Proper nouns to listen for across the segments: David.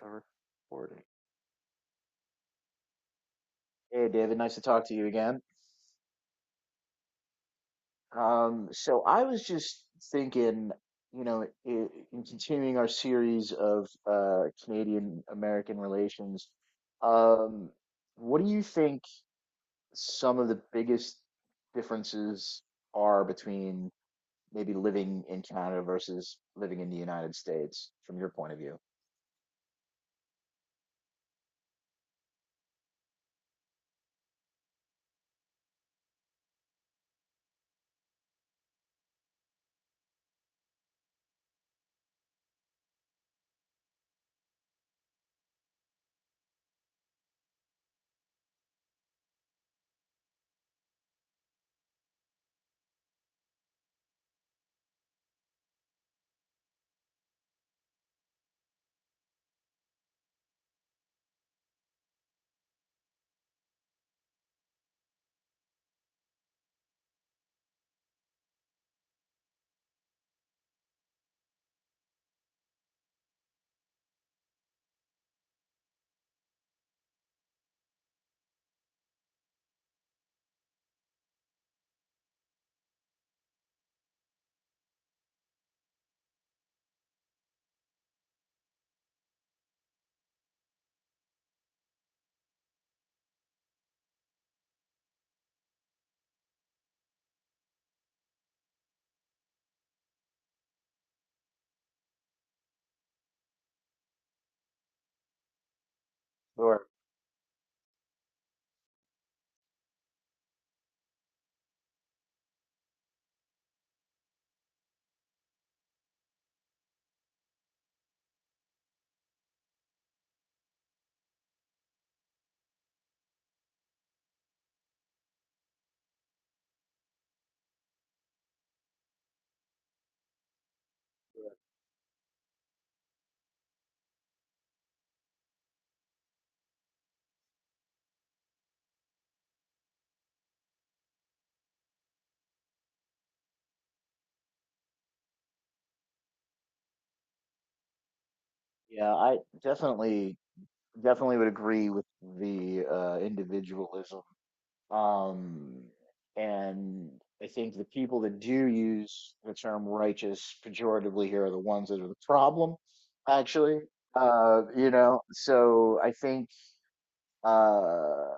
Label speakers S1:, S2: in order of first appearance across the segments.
S1: We're recording. Hey, David, nice to talk to you again. So I was just thinking, you know, in continuing our series of Canadian American relations, um, what do you think some of the biggest differences are between maybe living in Canada versus living in the United States from your point of view? Sure. Yeah, I definitely definitely would agree with the individualism. Um, and I think the people that do use the term righteous pejoratively here are the ones that are the problem, actually. You know, so I think, uh,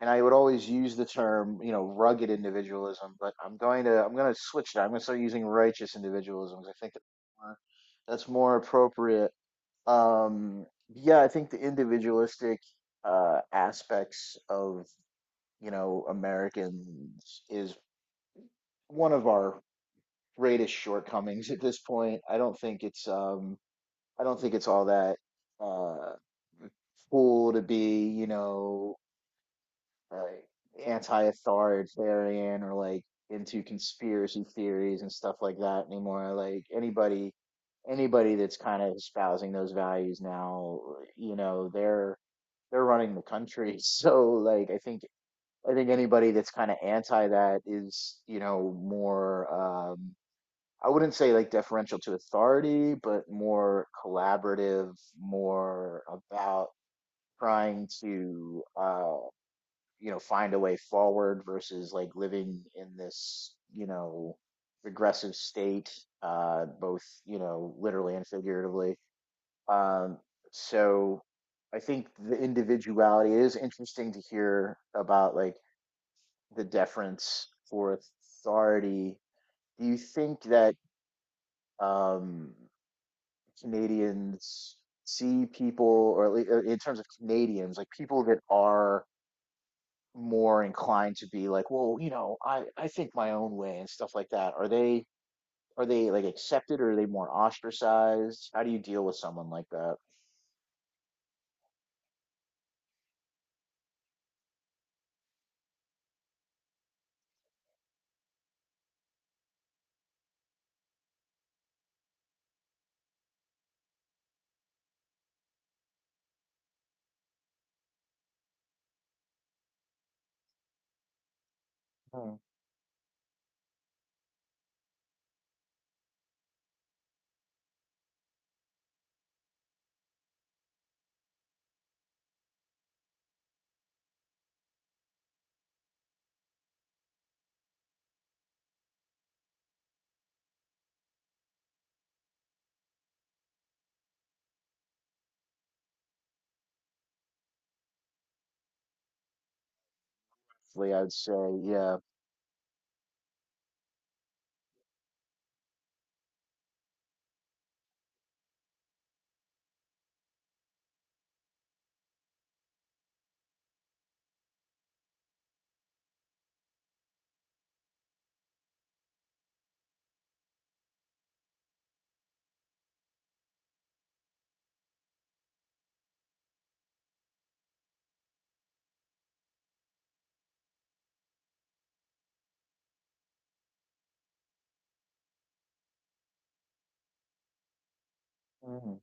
S1: and I would always use the term, you know, rugged individualism, but I'm going to switch that. I'm going to start using righteous individualism because I think more, that's more appropriate. Um, yeah, I think the individualistic aspects of, you know, Americans is one of our greatest shortcomings at this point. I don't think it's all that uh cool to be, you know, like anti-authoritarian or like into conspiracy theories and stuff like that anymore. Like anybody that's kind of espousing those values now, you know, they're running the country. So like I think anybody that's kind of anti that is, you know, more, um, I wouldn't say like deferential to authority, but more collaborative, more about trying to, you know, find a way forward versus like living in this, you know, regressive state, both, you know, literally and figuratively. Um, so I think the individuality, it is interesting to hear about like the deference for authority. Do you think that um, Canadians see people, or at least in terms of Canadians, like people that are more inclined to be like, well, you know, I think my own way and stuff like that. Are they, are they like accepted or are they more ostracized? How do you deal with someone like that? Hmm. Hopefully, I'd say, yeah. Mhm.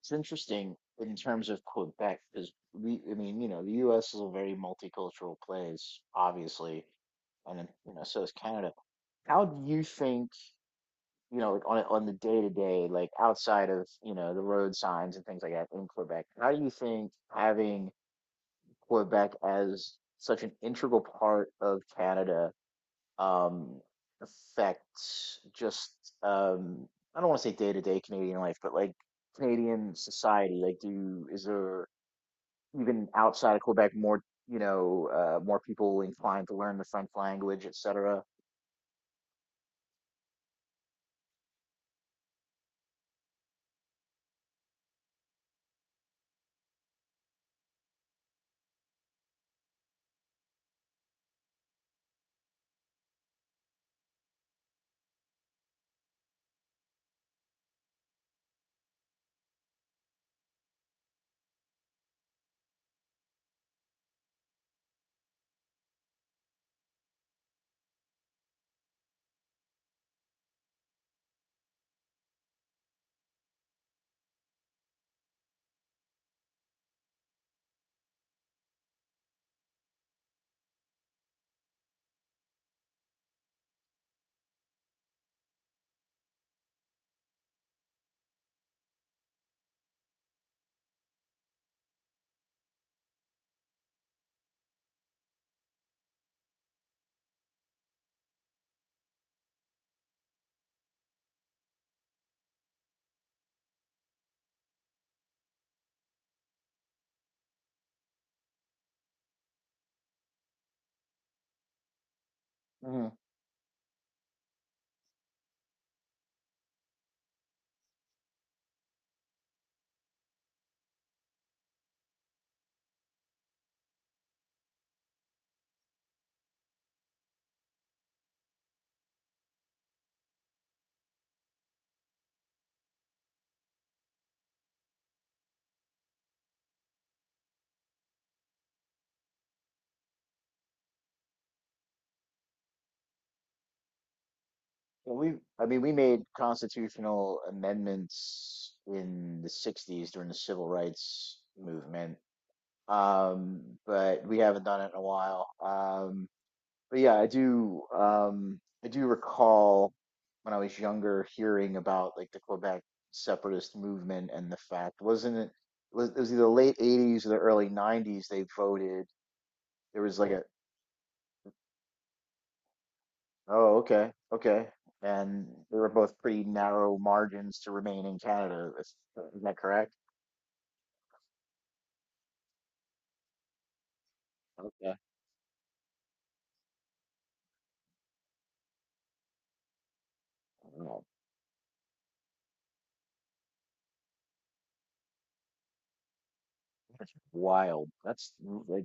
S1: It's interesting in terms of Quebec because we, I mean, you know, the U.S. is a very multicultural place, obviously, and then, you know, so is Canada. How do you think, you know, like on a- on the day to day, like outside of, you know, the road signs and things like that in Quebec, how do you think having Quebec as such an integral part of Canada um, affect just um, I don't want to say day to day Canadian life, but like Canadian society? Like, do is there even outside of Quebec more, you know, more people inclined to learn the French language, etc.? Mm-hmm. Well, we, I mean, we made constitutional amendments in the '60s during the civil rights movement, um, but we haven't done it in a while. But yeah, I do, I do recall when I was younger hearing about like the Quebec separatist movement, and the fact wasn't it was either the late 80s or the early 90s they voted, there was like a, oh okay, okay, and they were both pretty narrow margins to remain in Canada, is that correct? Okay. Oh, wild, that's like.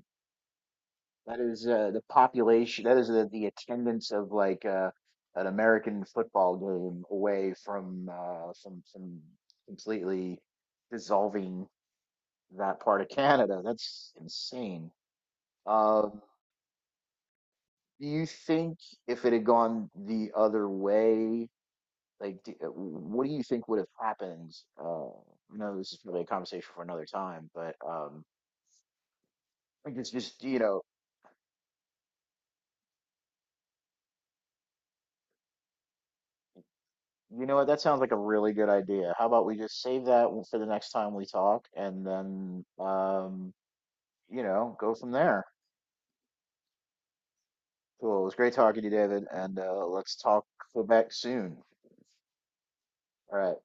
S1: That is the population. That is the attendance of like an American football game away from from completely dissolving that part of Canada. That's insane. Uh, do you think if it had gone the other way, like, what do you think would have happened? I know this is probably a conversation for another time, but I think it's just you know. You know what? That sounds like a really good idea. How about we just save that one for the next time we talk, and then you know, go from there. Cool. It was great talking to you, David, and let's talk back soon. All right.